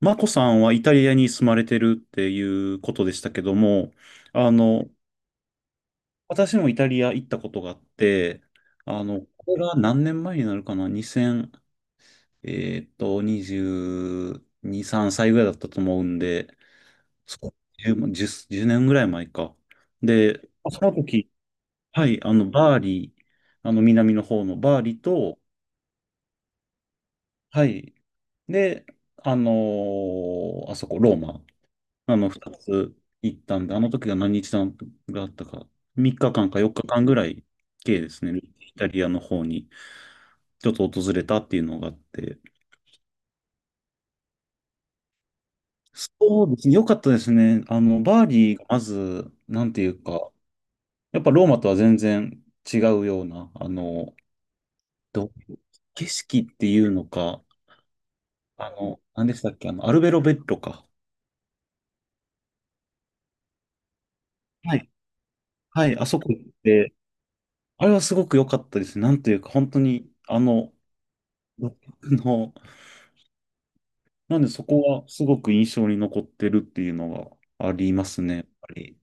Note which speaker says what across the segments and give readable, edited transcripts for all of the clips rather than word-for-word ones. Speaker 1: マコさんはイタリアに住まれてるっていうことでしたけども、あの、私もイタリア行ったことがあって、これが何年前になるかな、2000、22、3歳ぐらいだったと思うんで、そう10年ぐらい前か。で、その時、はい、バーリー、南の方のバーリーと、はい、で、あそこ、ローマ。二つ行ったんで、あの時が何日間があったか、3日間か4日間ぐらい、計ですね、イタリアの方にちょっと訪れたっていうのがあって、そうですね、良かったですね。バーリーがまず、なんていうか、やっぱローマとは全然違うような、どう景色っていうのか、何でしたっけ、アルベロベッロか。はい。はい、あそこ行って、あれはすごく良かったですね。なんていうか、本当に、独特の、なんでそこはすごく印象に残ってるっていうのがありますね、やっぱり。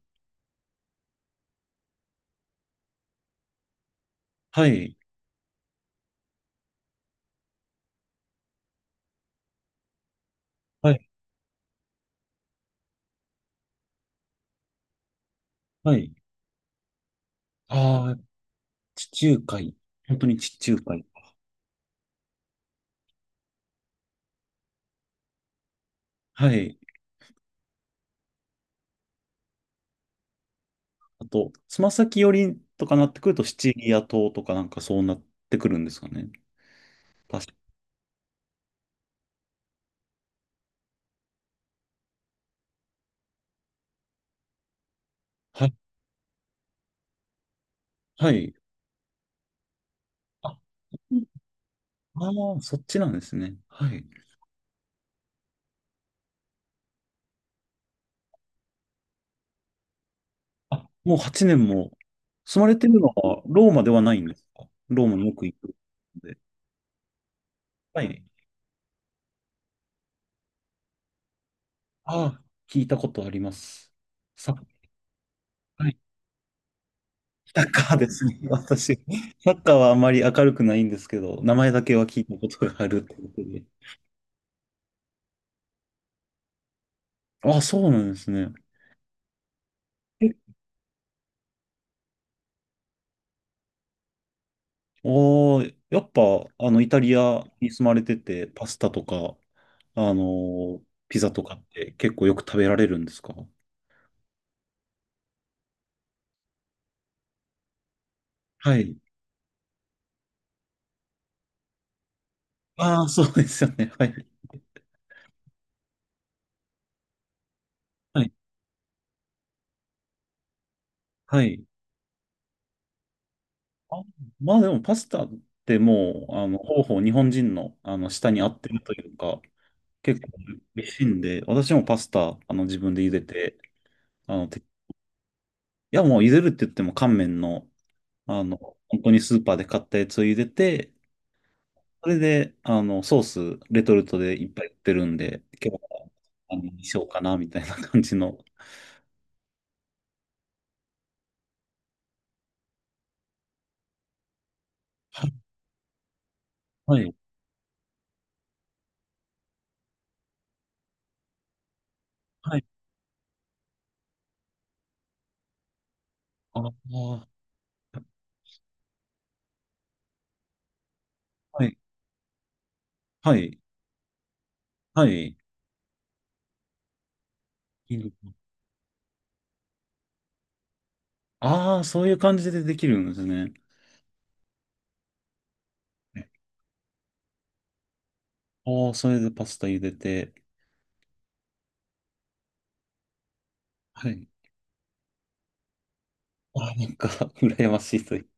Speaker 1: はい。はい。はい。ああ、地中海。本当に地中海。はい。あと、つま先寄りとかなってくると、シチリア島とかなんかそうなってくるんですかね。確か。はい。はい。あ、ああ、そっちなんですね。はい。あ、もう8年も住まれてるのはローマではないんですか？ローマによく行くので。はい。ああ、聞いたことあります。はい、サッカーですね。私、サッカーはあまり明るくないんですけど、名前だけは聞いたことがあるってことで。あ、そうなんですね。えおー、やっぱ、イタリアに住まれてて、パスタとか、あのーピザとかって結構よく食べられるんですか？はい。ああ、そうですよね。はい。はい。はい。あ、まあでも、パスタってもう、ほぼほぼ日本人の、舌に合ってるというか、結構美味しいんで、私もパスタ、自分で茹でて、いや、もう茹でるって言っても乾麺の、あの、本当にスーパーで買ったやつを茹でて、それで、ソース、レトルトでいっぱい売ってるんで、今日は、にしようかな、みたいな感じの。はい、はい、はい、ああ、はい、はい、はい。ああー、そういう感じでできるんですね。ああ、それでパスタ茹でて、はい。ああ、なんか、羨ましいという。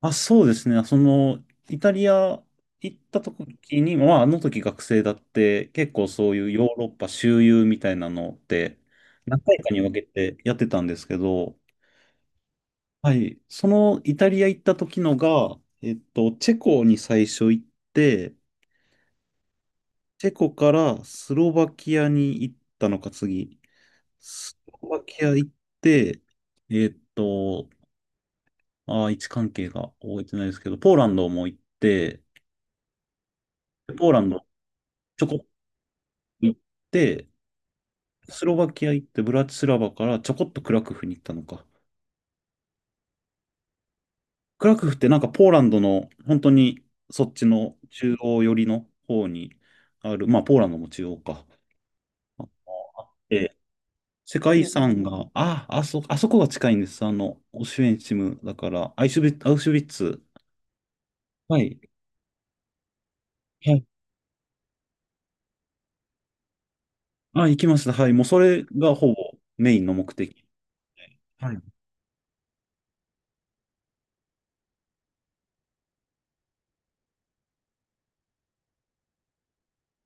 Speaker 1: あ、そうですね。その、イタリア行った時に、まあ、あの時学生だって、結構そういうヨーロッパ周遊みたいなのって、何回かに分けてやってたんですけど、はい。そのイタリア行った時のが、チェコに最初行って、チェコからスロバキアに行ったのか、次。スロバキア行って、えっと、位置関係が覚えてないですけど、ポーランドも行って、ポーランド、ちょこ行って、スロバキア行って、ブラチスラバからちょこっとクラクフに行ったのか。クラクフってなんかポーランドの本当にそっちの中央寄りの方にある、まあポーランドも中央か。あって世界遺産が、あ、あそ、あそこが近いんです。オシュエンチムだから、アウシュビッツ。はい。はい。あ、行きました。はい。もうそれがほぼメインの目的。はい。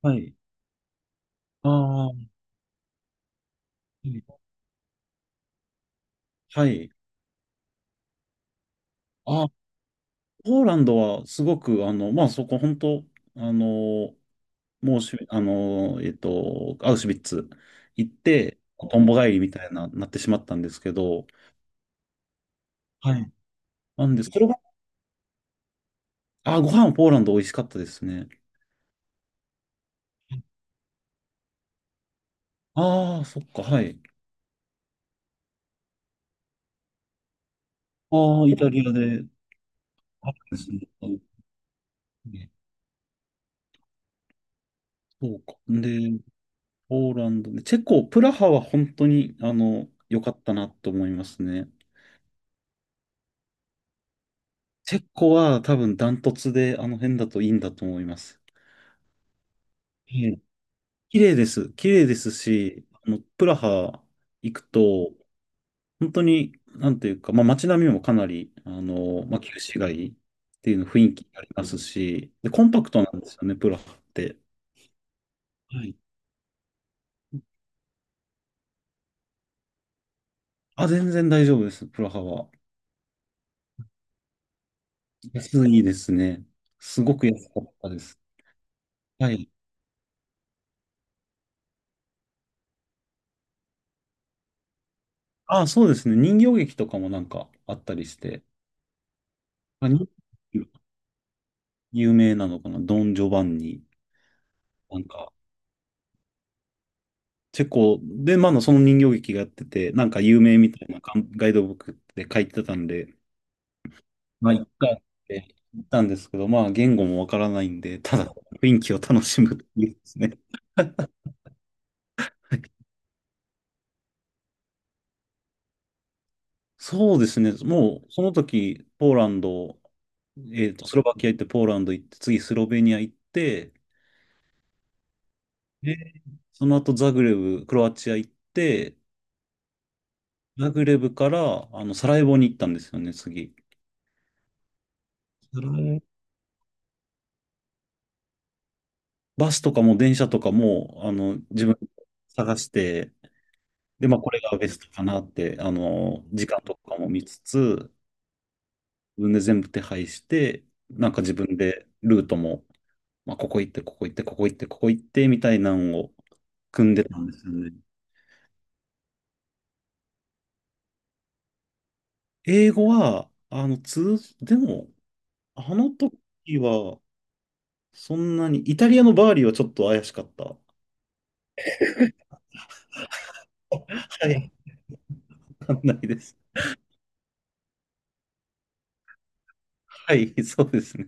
Speaker 1: はい。ああ、はい。はい。ポーランドはすごく、まあ、そこ本当、あの、もうし、あの、えっと、アウシュビッツ行って、トンボ帰りみたいな、なってしまったんですけど、はい。なんです、それが、あ、ご飯はポーランド美味しかったですね。ああ、そっか、はい。ああ、イタリアで、あったんですね。そうか。で、ポーランドで、チェコ、プラハは本当に、良かったなと思いますね。チェコは多分ダントツで、あの辺だといいんだと思います。綺麗です。綺麗ですし、プラハ行くと、本当に、なんていうか、まあ、街並みもかなり、まあ、旧市街っていうの雰囲気ありますし、で、コンパクトなんですよね、プラハって。はい。あ、全然大丈夫です、プラハは。安いですね。すごく安かったです。はい。あ、そうですね。人形劇とかもなんかあったりして、まあ、人形劇有名なのかな、ドン・ジョバンニ、なんか、チェコで、まあ、その人形劇がやってて、なんか有名みたいなガンガイドブックで書いてたんで、まあ、一回って行ったんですけど、まあ、言語もわからないんで、ただ雰囲気を楽しむっていうですね。そうですね。もう、その時、ポーランド、スロバキア行って、ポーランド行って、次、スロベニア行って、で、その後、ザグレブ、クロアチア行って、ザグレブから、サラエボに行ったんですよね、次。サラエバスとかも電車とかも、自分で探して、で、まあ、これがベストかなって、時間とかも見つつ、自分で全部手配して、なんか自分でルートも、まあ、ここ行って、ここ行って、ここ行って、ここ行って、みたいなのを組んでたんですよね。英語は、でも、あの時は、そんなに、イタリアのバーリーはちょっと怪しかった。はい、わかんないです。はい、そうですね。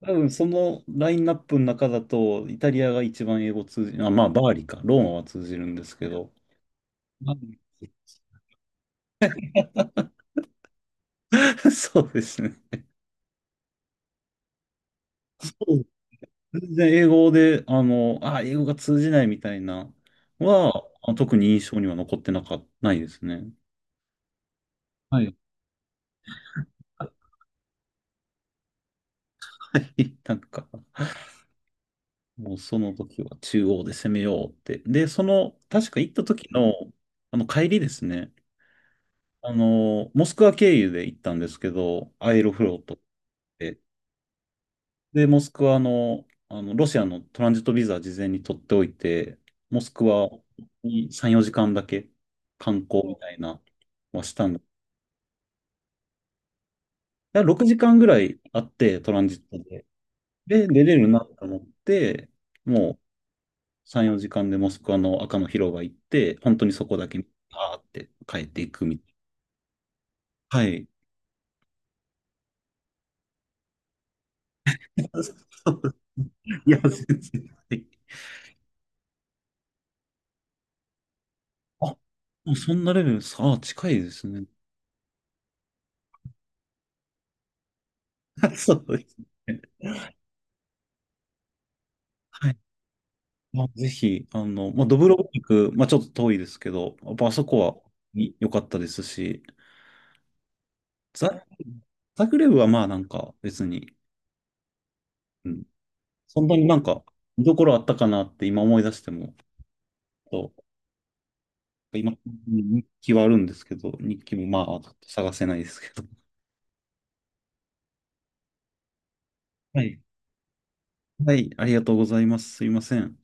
Speaker 1: 多分そのラインナップの中だと、イタリアが一番英語通じる、あ、まあ、バーリか、ローマは通じるんですけど、まあ そうですね。そう全然英語で、あ、英語が通じないみたいな、は、あ、特に印象には残ってなか、ないですね。はい。はい、なんか、もうその時は中央で攻めようって。で、その、確か行った時の、帰りですね。モスクワ経由で行ったんですけど、アエロフロートって。で、モスクワの、ロシアのトランジットビザ事前に取っておいて、モスクワに3、4時間だけ観光みたいなはしたんだ。だ6時間ぐらいあって、トランジットで。で、出れるなと思って、もう3、4時間でモスクワの赤の広場行って、本当にそこだけ、パーって帰っていくみたいな。はい。いや、全然。あ、もうそんなレベル、さあ、近いですね。そうですね。はい、まあ、ぜひ、まあ、ドブロブニク、まあ、ちょっと遠いですけど、やっぱあそこ良かったですし、ザ、ザグレブはまあなんか別に、うん、そんなになんか見どころあったかなって今思い出しても、と今、日記はあるんですけど、日記もまあちょっと探せないですけど。はい。はい、ありがとうございます。すいません。